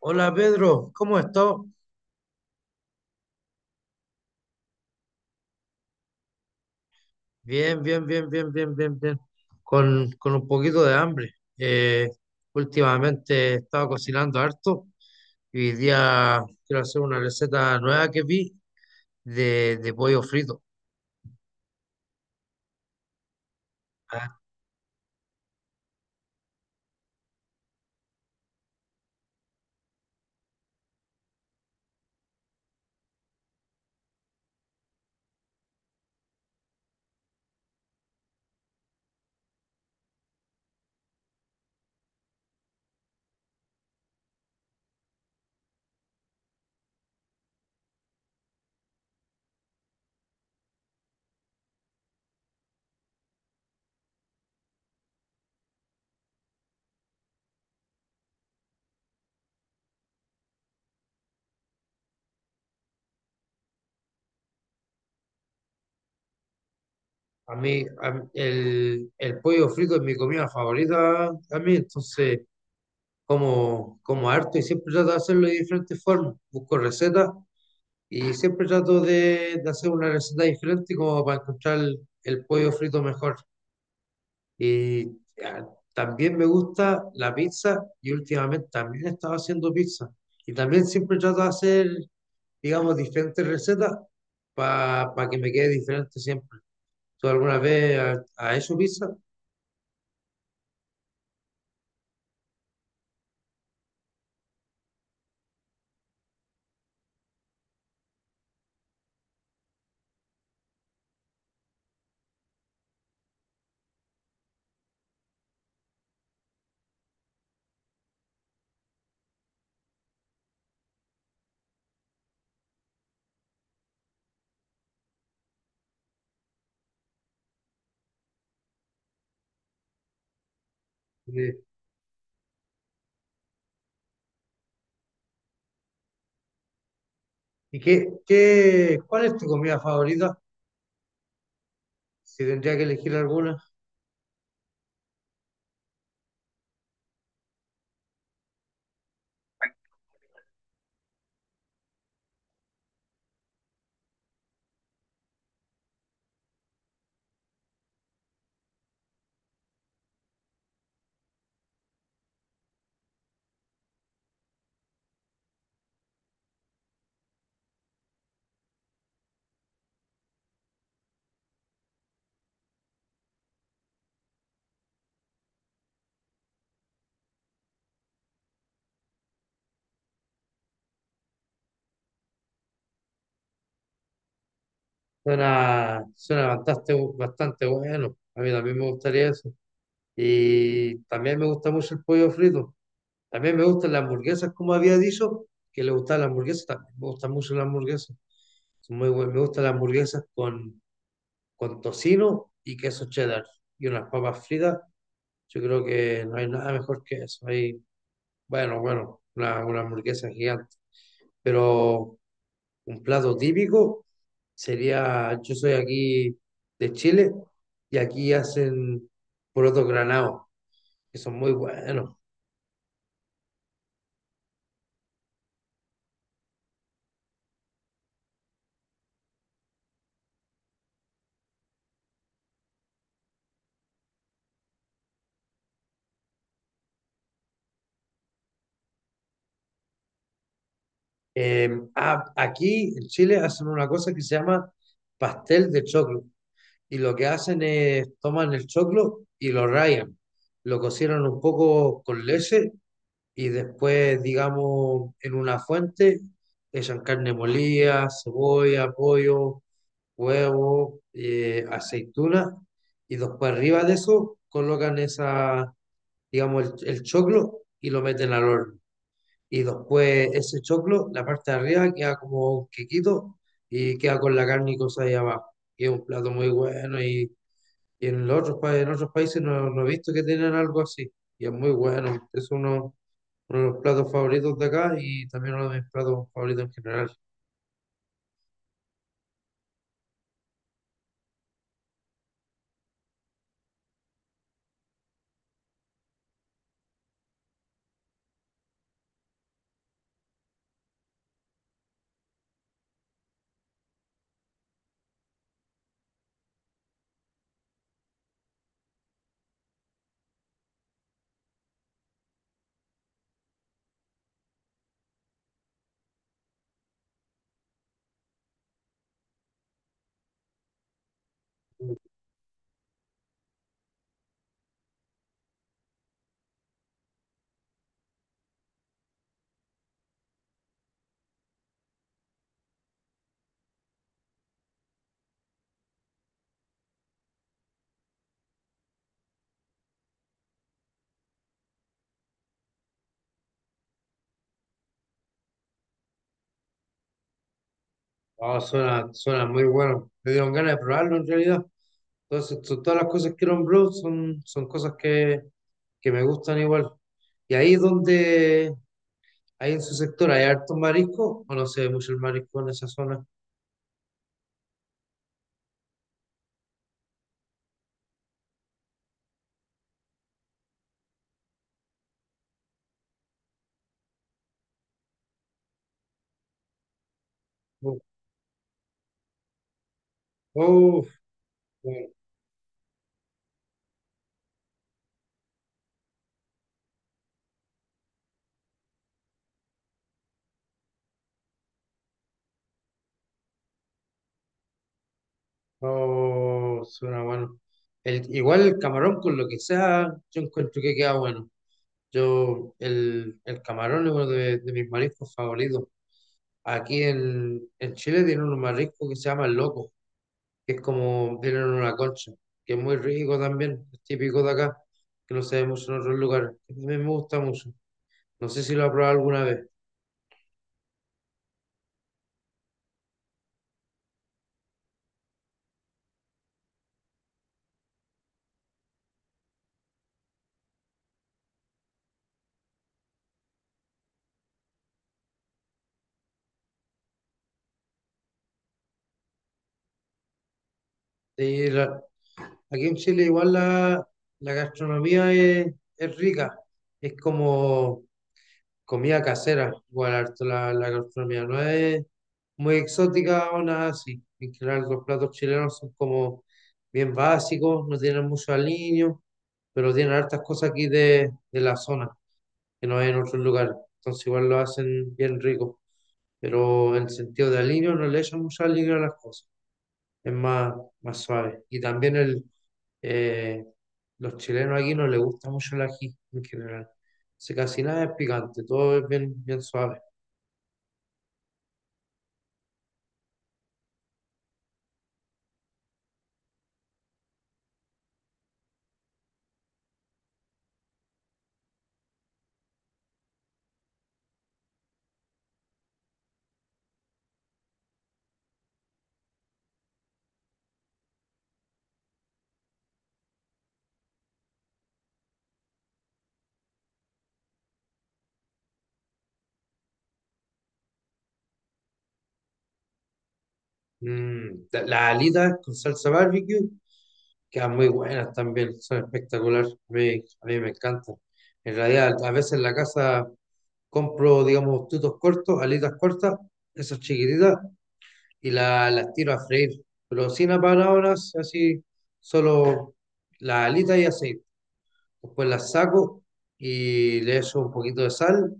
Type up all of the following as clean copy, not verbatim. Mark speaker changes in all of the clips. Speaker 1: Hola Pedro, ¿cómo estás? Bien, bien, bien, bien, bien, bien, bien. Con un poquito de hambre. Últimamente he estado cocinando harto y hoy día quiero hacer una receta nueva que vi de pollo frito. A, el pollo frito es mi comida favorita a mí, entonces como harto y siempre trato de hacerlo de diferentes formas. Busco recetas y siempre trato de hacer una receta diferente como para encontrar el pollo frito mejor. Y ah, también me gusta la pizza y últimamente también he estado haciendo pizza. Y también siempre trato de hacer, digamos, diferentes recetas para que me quede diferente siempre. ¿Tú alguna vez has hecho pizza? Eh, ¿Y cuál es tu comida favorita? Si tendría que elegir alguna. Suena, suena bastante, bastante bueno. A mí también me gustaría eso. Y también me gusta mucho el pollo frito. También me gustan las hamburguesas, como había dicho, que le gustan las hamburguesas. También me gustan mucho las hamburguesas. Son muy buenas. Me gustan las hamburguesas con tocino y queso cheddar. Y unas papas fritas. Yo creo que no hay nada mejor que eso. Hay, bueno, bueno, una hamburguesa gigante. Pero un plato típico sería, yo soy aquí de Chile y aquí hacen porotos granados, que son muy buenos. Aquí en Chile hacen una cosa que se llama pastel de choclo. Y lo que hacen es toman el choclo y lo rayan. Lo cocinan un poco con leche y después, digamos, en una fuente echan carne molida, cebolla, pollo, huevo, aceituna. Y después arriba de eso colocan esa, digamos, el choclo y lo meten al horno y después ese choclo, la parte de arriba queda como un quequito y queda con la carne y cosas ahí abajo. Y es un plato muy bueno y en los otros, en otros países no, no he visto que tienen algo así. Y es muy bueno, es uno de los platos favoritos de acá y también uno de mis platos favoritos en general. Ah, suena, suena muy bueno. Me dieron ganas de probarlo en realidad. Entonces, todas las cosas que nombró son, son cosas que me gustan igual. Y ahí es donde, ahí en su sector hay harto marisco, o no se ve mucho el marisco en esa zona. Uf, uf, oh, suena bueno. El, igual el camarón con lo que sea, yo encuentro que queda bueno. Yo, el camarón es uno de mis mariscos favoritos. Aquí en Chile tienen un marisco que se llama el loco, que es como, tienen una concha, que es muy rico también, es típico de acá, que no se ve mucho en otros lugares, que también me gusta mucho. No sé si lo has probado alguna vez. Sí, aquí en Chile igual la gastronomía es rica, es como comida casera, igual harto la gastronomía, no es muy exótica o nada así. En general los platos chilenos son como bien básicos, no tienen mucho aliño, pero tienen hartas cosas aquí de la zona, que no hay en otros lugares. Entonces igual lo hacen bien rico, pero en sentido de aliño no le echan mucho aliño a las cosas, es más, más suave. Y también el eh, los chilenos aquí no les gusta mucho el ají en general. Se casi nada es picante, todo es bien, bien suave. Mm, las alitas con salsa barbecue quedan muy buenas también, son espectaculares. A mí me encantan. En realidad, a veces en la casa compro, digamos, tutos cortos, alitas cortas, esas chiquititas, y las tiro a freír. Pero sin apanadoras, así, solo las alitas y aceite. Después las saco y le echo un poquito de sal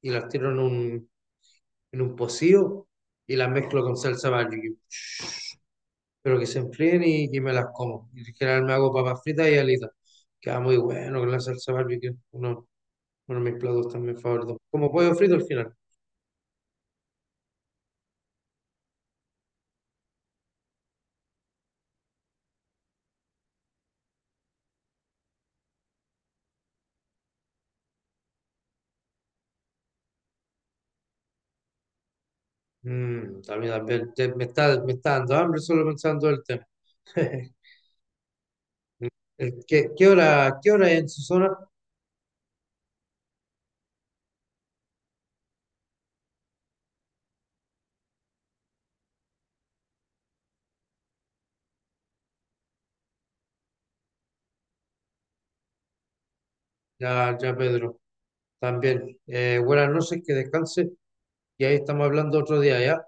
Speaker 1: y las tiro en en un pocillo y las mezclo con salsa barbecue. Pero que se enfríen y que me las como. Y en general me hago papas fritas y alitas. Queda muy bueno con la salsa barbecue. Uno de mis platos también favoritos. Como pollo frito al final. Mm, también, también. Me está dando hambre solo pensando el tema. ¿Qué, qué hora es en su zona? Ya, ya, Pedro. También. Buenas noches, que descanse. Y ahí estamos hablando otro día, ¿ya?